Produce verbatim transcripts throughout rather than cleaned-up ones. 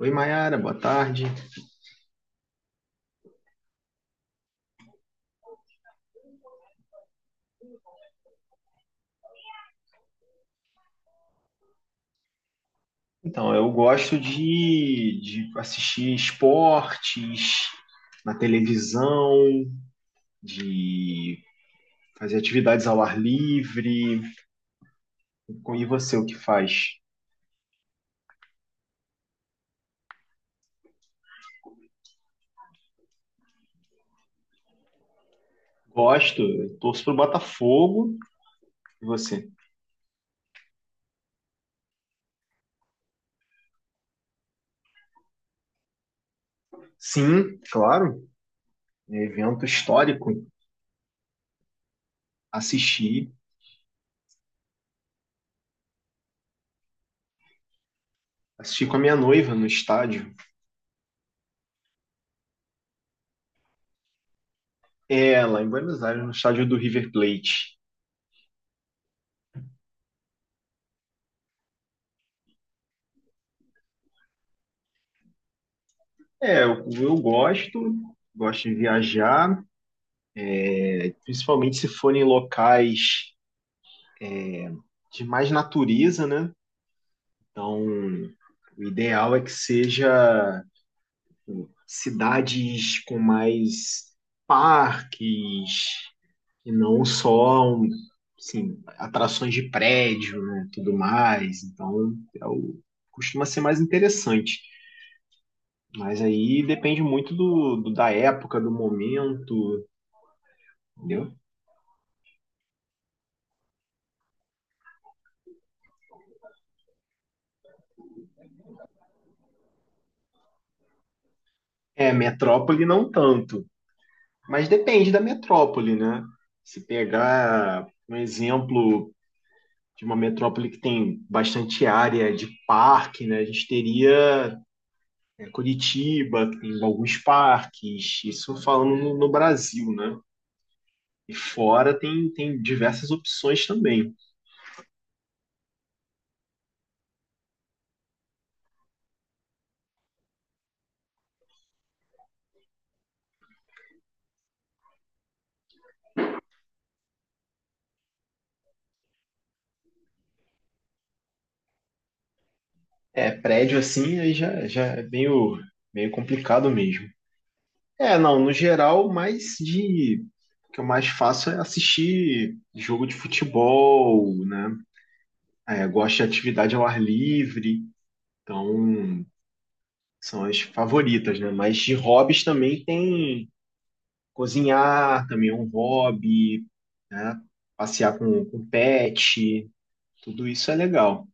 Oi, Mayara, boa tarde. Então, eu gosto de, de assistir esportes na televisão, de fazer atividades ao ar livre. E você, o que faz? Gosto, eu torço pro Botafogo. E você? Sim, claro, é evento histórico. Assisti, assisti com a minha noiva no estádio. É, lá em Buenos Aires, no estádio do River Plate. É, eu, eu gosto, gosto de viajar, principalmente se forem locais de mais natureza, né? Então, o ideal é que seja tipo cidades com mais parques e não só um, assim, atrações de prédio, né, tudo mais. Então, é o- costuma ser mais interessante. Mas aí depende muito do, do- da época, do momento, entendeu? É, metrópole não tanto. Mas depende da metrópole, né? Se pegar um exemplo de uma metrópole que tem bastante área de parque, né? A gente teria é, Curitiba, que tem alguns parques, isso falando no, no Brasil, né? E fora tem, tem diversas opções também. É, prédio assim aí já, já é meio, meio complicado mesmo. É, não, no geral, mais de. O que eu mais faço é assistir jogo de futebol, né? É, gosto de atividade ao ar livre, então são as favoritas, né? Mas de hobbies também tem cozinhar, também é um hobby, né? Passear com, com pet, tudo isso é legal.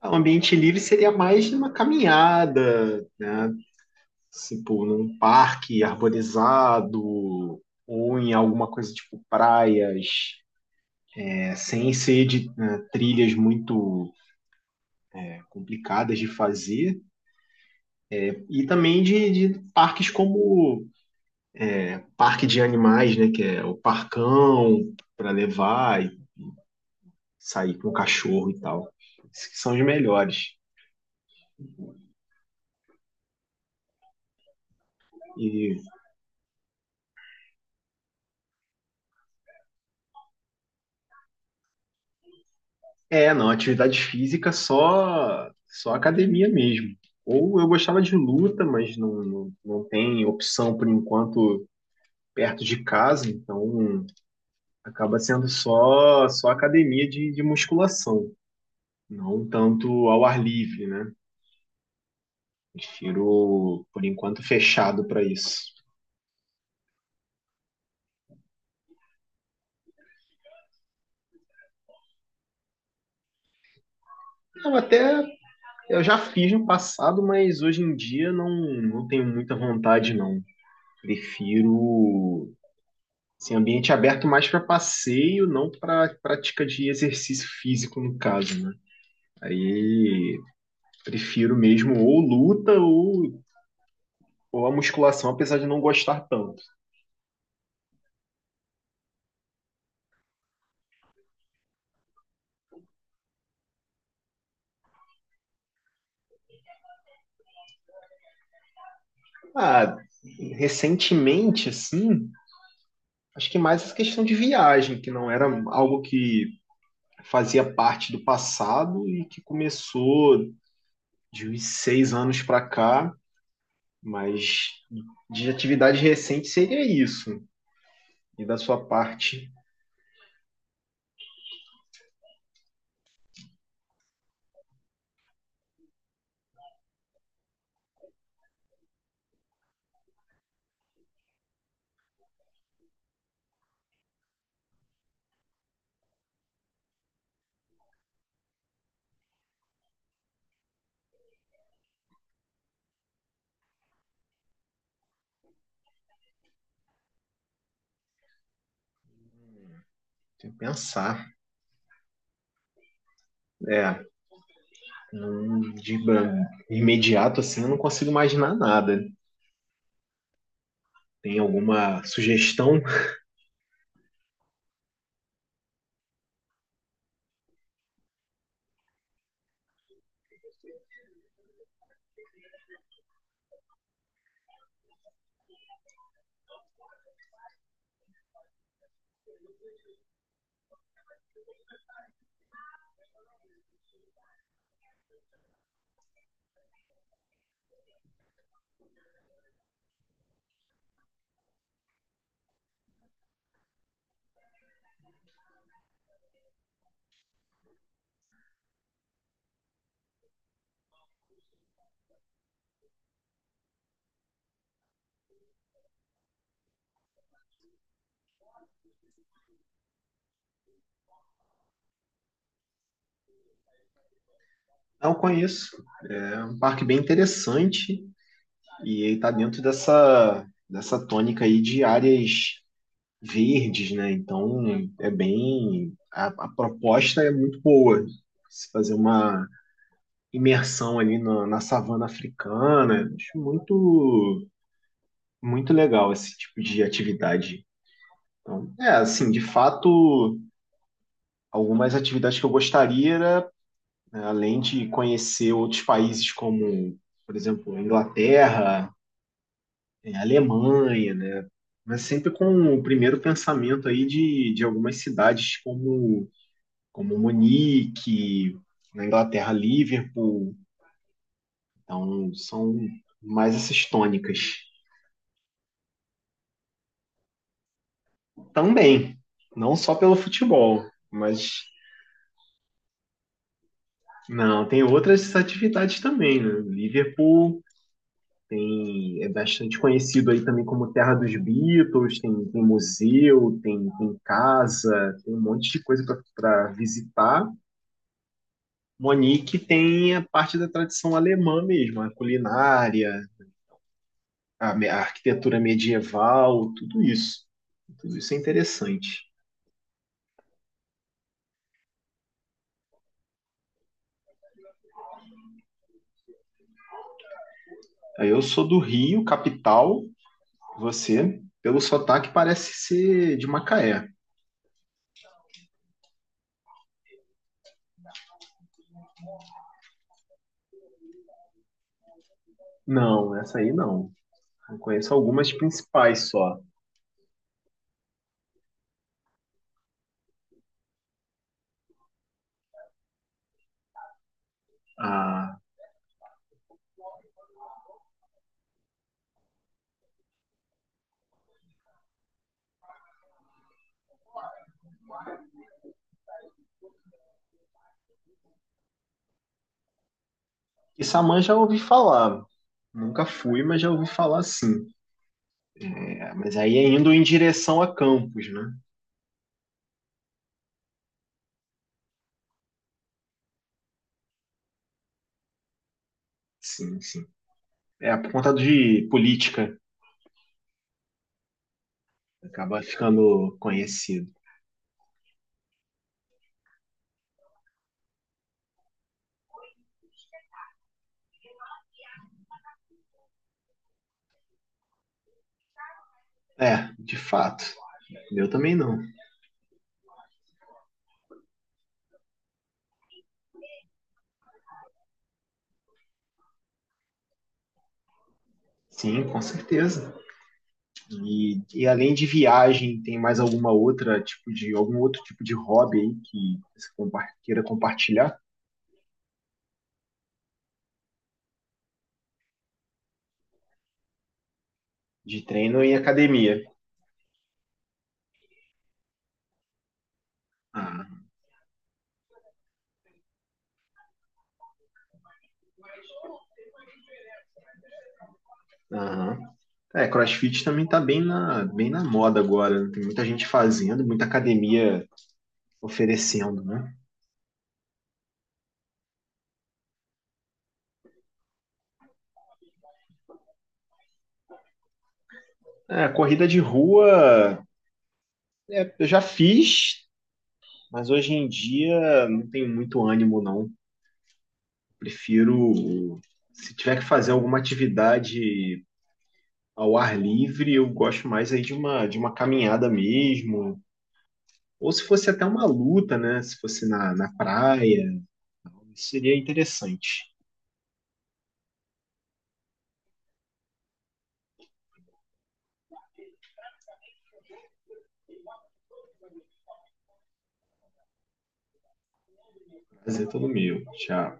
Ah, um ambiente livre seria mais numa caminhada, né? Tipo, num parque arborizado ou em alguma coisa tipo praias, é, sem ser de, né, trilhas muito é, complicadas de fazer. E também de, de parques como parque de animais, né? Que é o parcão, para levar e sair com o cachorro e tal. Esses que são os melhores. E é, não, atividade física só só academia mesmo. Ou eu gostava de luta, mas não, não, não tem opção por enquanto perto de casa, então acaba sendo só só academia de, de musculação, não tanto ao ar livre, né? Prefiro, por enquanto, fechado para isso. Não, até eu já fiz no passado, mas hoje em dia não, não tenho muita vontade, não. Prefiro assim, ambiente aberto mais para passeio, não para prática de exercício físico, no caso, né? Aí prefiro mesmo ou luta ou, ou a musculação, apesar de não gostar tanto. Ah, recentemente, assim, acho que mais essa questão de viagem, que não era algo que fazia parte do passado e que começou de uns seis anos para cá, mas de atividade recente seria isso. E da sua parte, tem que pensar. É, não- de imediato assim, eu não consigo imaginar nada. Tem alguma sugestão? Não conheço. É um parque bem interessante e ele está dentro dessa dessa tônica aí de áreas verdes, né? Então é bem. A, a proposta é muito boa. Se fazer uma imersão ali na, na savana africana, acho muito, muito legal esse tipo de atividade. Então, é, assim, de fato, algumas atividades que eu gostaria era, né, além de conhecer outros países como, por exemplo, a Inglaterra, é, a Alemanha, né? Mas sempre com o primeiro pensamento aí de, de algumas cidades como como Munique, na Inglaterra, Liverpool. Então, são mais essas tônicas. Também, não só pelo futebol, mas não, tem outras atividades também, né? Liverpool tem, é bastante conhecido aí também como terra dos Beatles, tem, tem museu, tem, tem casa, tem um monte de coisa para visitar. Monique tem a parte da tradição alemã mesmo, a culinária, a, me- a arquitetura medieval, tudo isso. Tudo isso é interessante. Aí eu sou do Rio, capital. Você, pelo sotaque, parece ser de Macaé. Não, essa aí não. Eu conheço algumas principais só. A Issamã já ouvi falar. Nunca fui, mas já ouvi falar sim. É, mas aí é indo em direção a Campos, né? Sim, sim. É por conta de política. Acaba ficando conhecido. É, de fato, eu também não. Sim, com certeza. E, e além de viagem, tem mais alguma outra tipo de algum outro tipo de hobby aí que você compa- queira compartilhar? De treino em academia. Ah, aham. É, CrossFit também tá bem na, bem na moda agora, né? Tem muita gente fazendo, muita academia oferecendo, né? É, corrida de rua, é, eu já fiz, mas hoje em dia não tenho muito ânimo, não. Prefiro, se tiver que fazer alguma atividade ao ar livre, eu gosto mais aí de uma, de uma caminhada mesmo, ou se fosse até uma luta, né? Se fosse na, na praia, seria interessante. Prazer todo meu. Tchau.